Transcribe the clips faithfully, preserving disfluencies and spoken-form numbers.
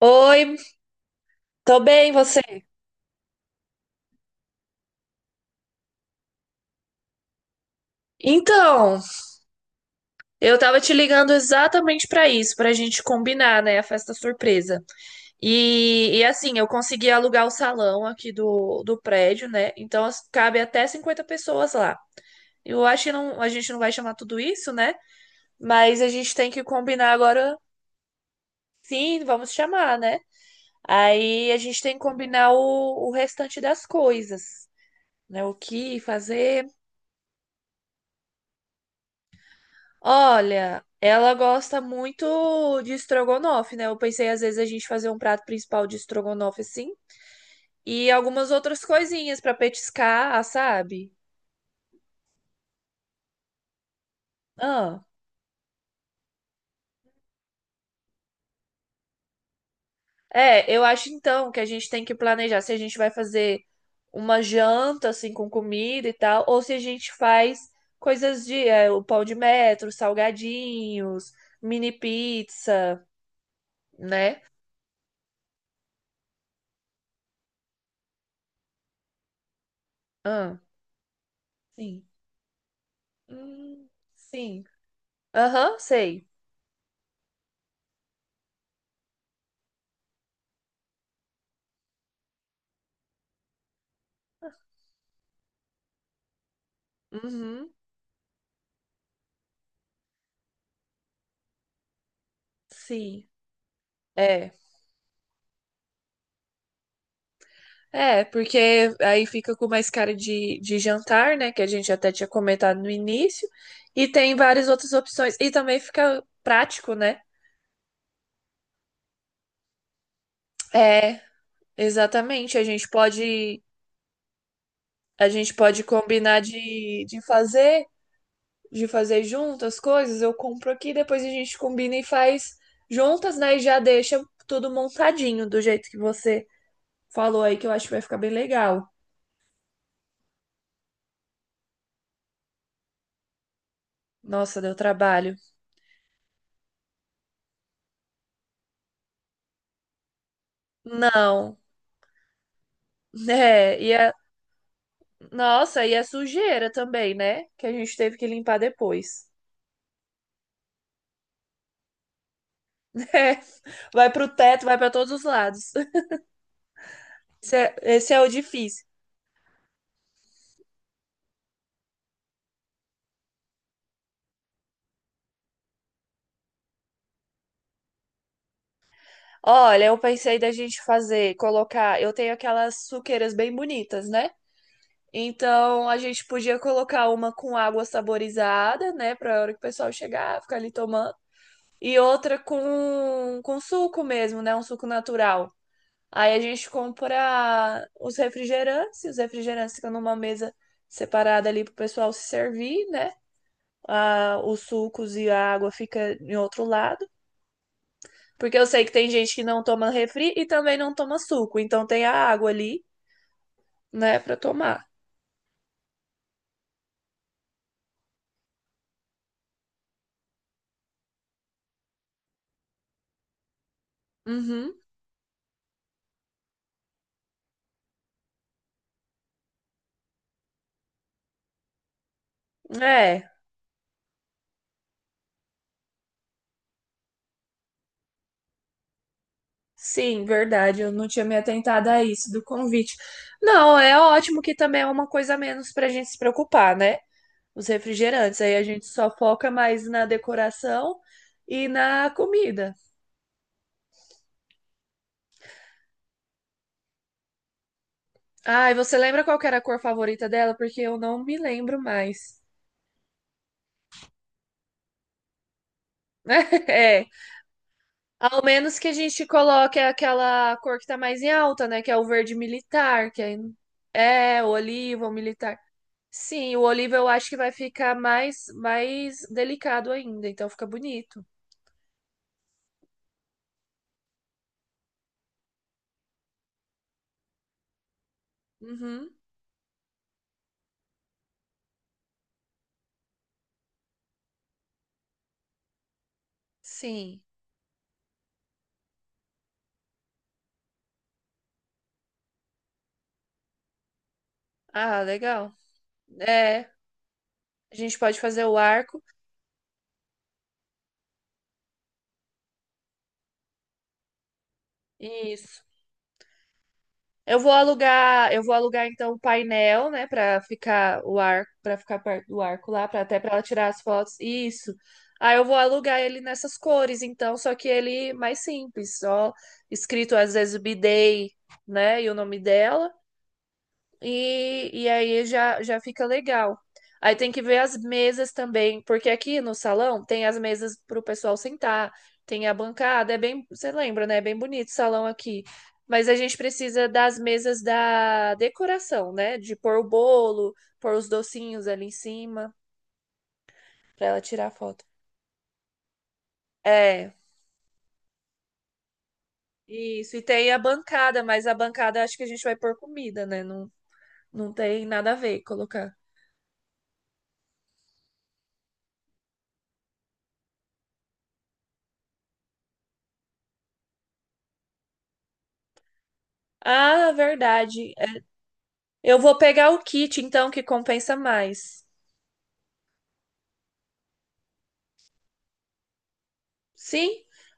Oi, tô bem, você? Então, eu tava te ligando exatamente pra isso, pra gente combinar, né, a festa surpresa. E, e assim, eu consegui alugar o salão aqui do, do prédio, né? Então as- cabe até cinquenta pessoas lá. Eu acho que não, a gente não vai chamar tudo isso, né? Mas a gente tem que combinar agora. Sim, vamos chamar, né? Aí a gente tem que combinar o, o restante das coisas, né? O que fazer. Olha, ela gosta muito de estrogonofe, né? Eu pensei às vezes a gente fazer um prato principal de estrogonofe assim e algumas outras coisinhas pra petiscar, sabe? Ah, é, eu acho então que a gente tem que planejar se a gente vai fazer uma janta assim com comida e tal ou se a gente faz coisas de é, o pão de metro, salgadinhos, mini pizza, né? Ah, sim. Hum, sim. Aham, sei. Uhum. Sim, é. É, porque aí fica com mais cara de, de jantar, né? Que a gente até tinha comentado no início. E tem várias outras opções. E também fica prático, né? É, exatamente. A gente pode, a gente pode combinar de, de fazer, de fazer junto as coisas. Eu compro aqui, depois a gente combina e faz juntas, né? E já deixa tudo montadinho do jeito que você falou aí, que eu acho que vai ficar bem legal. Nossa, deu trabalho. Não. É, e a... Nossa, e a sujeira também, né? Que a gente teve que limpar depois. Vai pro teto, vai pra todos os lados. Esse é, esse é o difícil. Olha, eu pensei da gente fazer, colocar. Eu tenho aquelas suqueiras bem bonitas, né? Então a gente podia colocar uma com água saborizada, né? Pra hora que o pessoal chegar, ficar ali tomando. E outra com, com suco mesmo, né? Um suco natural. Aí a gente compra os refrigerantes, e os refrigerantes ficam numa mesa separada ali pro pessoal se servir, né? Ah, os sucos e a água fica em outro lado, porque eu sei que tem gente que não toma refri e também não toma suco, então tem a água ali, né, pra tomar. Uhum. É, sim, verdade, eu não tinha me atentado a isso do convite. Não, é ótimo que também é uma coisa a menos pra gente se preocupar, né? Os refrigerantes. Aí a gente só foca mais na decoração e na comida. Ai, você lembra qual que era a cor favorita dela? Porque eu não me lembro mais. É, ao menos que a gente coloque aquela cor que tá mais em alta, né? Que é o verde militar, que aí- é o oliva, o militar. Sim, o oliva eu acho que vai ficar mais mais delicado ainda, então fica bonito. Uhum, sim. Ah, legal. É, a gente pode fazer o arco. Isso. Eu vou alugar, eu vou alugar então o painel, né, para ficar o arco, para ficar perto do arco lá, para até para ela tirar as fotos. Isso. Aí eu vou alugar ele nessas cores, então, só que ele mais simples, só escrito às vezes B-Day, né, e o nome dela. E, e aí já, já fica legal. Aí tem que ver as mesas também, porque aqui no salão tem as mesas para o pessoal sentar, tem a bancada, é bem, você lembra, né? É bem bonito o salão aqui. Mas a gente precisa das mesas da decoração, né? De pôr o bolo, pôr os docinhos ali em cima, para ela tirar foto. É, isso. E tem a bancada, mas a bancada acho que a gente vai pôr comida, né? Não, não tem nada a ver colocar. Ah, verdade. Eu vou pegar o kit, então, que compensa mais. Sim,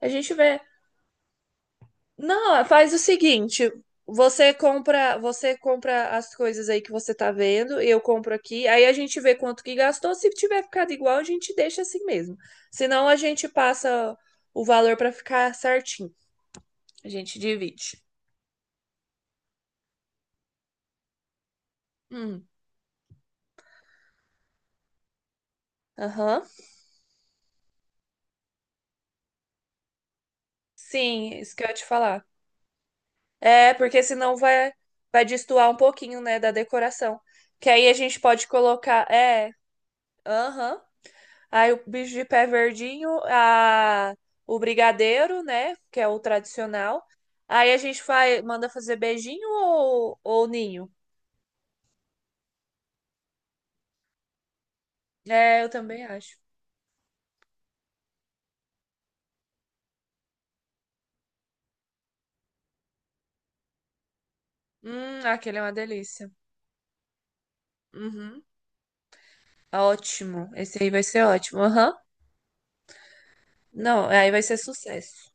a gente vê. Não, faz o seguinte: você compra, você compra as coisas aí que você tá vendo, eu compro aqui, aí a gente vê quanto que gastou. Se tiver ficado igual, a gente deixa assim mesmo. Senão a gente passa o valor pra ficar certinho. A gente divide. Hum, aham. Sim, isso que eu ia te falar. É, porque senão vai vai destoar um pouquinho, né, da decoração. Que aí a gente pode colocar, é. Aham. Aí o bicho de pé verdinho, a... o brigadeiro, né? Que é o tradicional. Aí a gente faz... manda fazer beijinho ou... ou ninho? É, eu também acho. Hum, aquele é uma delícia. Uhum. Ótimo. Esse aí vai ser ótimo. Aham. Não, aí vai ser sucesso.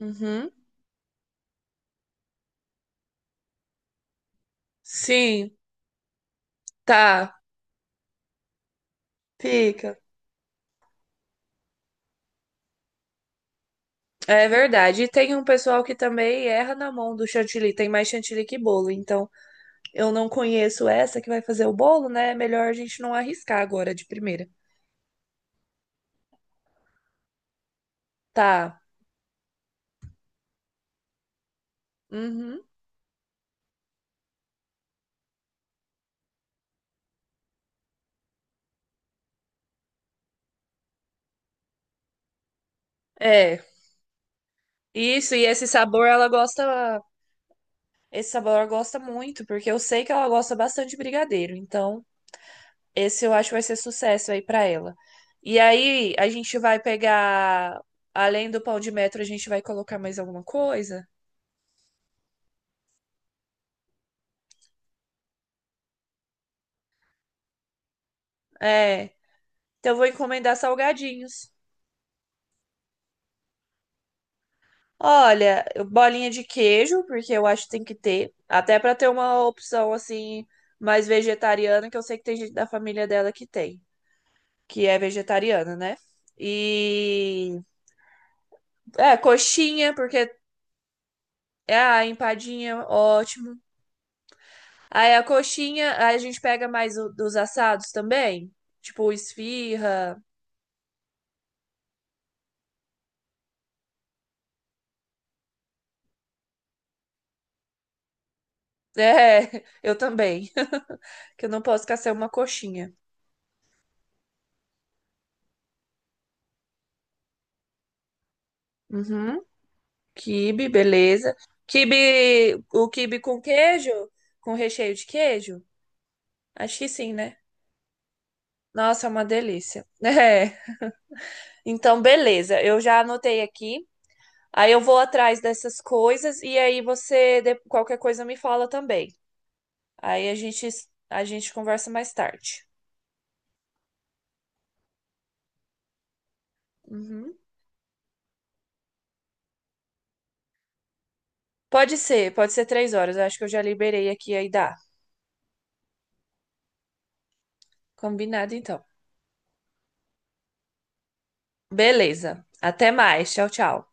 Uhum. Sim, tá. Fica. É verdade. E tem um pessoal que também erra na mão do chantilly. Tem mais chantilly que bolo, então eu não conheço essa que vai fazer o bolo, né? É melhor a gente não arriscar agora de primeira. Tá. Uhum. É. Isso, e esse sabor ela gosta. Esse sabor ela gosta muito, porque eu sei que ela gosta bastante de brigadeiro. Então, esse eu acho que vai ser sucesso aí pra ela. E aí, a gente vai pegar. Além do pão de metro, a gente vai colocar mais alguma coisa? É. Então, eu vou encomendar salgadinhos. Olha, bolinha de queijo, porque eu acho que tem que ter, até pra ter uma opção assim mais vegetariana, que eu sei que tem gente da família dela que tem, que é vegetariana, né? E é coxinha, porque é a empadinha, ótimo. Aí a coxinha, aí a gente pega mais o- dos assados também, tipo esfirra. É, eu também, que eu não posso ficar sem uma coxinha. Uhum. Quibe, beleza. Quibe, o quibe com queijo? Com recheio de queijo? Acho que sim, né? Nossa, é uma delícia. É. Então, beleza. Eu já anotei aqui. Aí eu vou atrás dessas coisas e aí você, de- qualquer coisa, me fala também. Aí a gente, a gente conversa mais tarde. Uhum. Pode ser, pode ser três horas. Eu acho que eu já liberei aqui aí dá. Combinado, então. Beleza. Até mais. Tchau, tchau.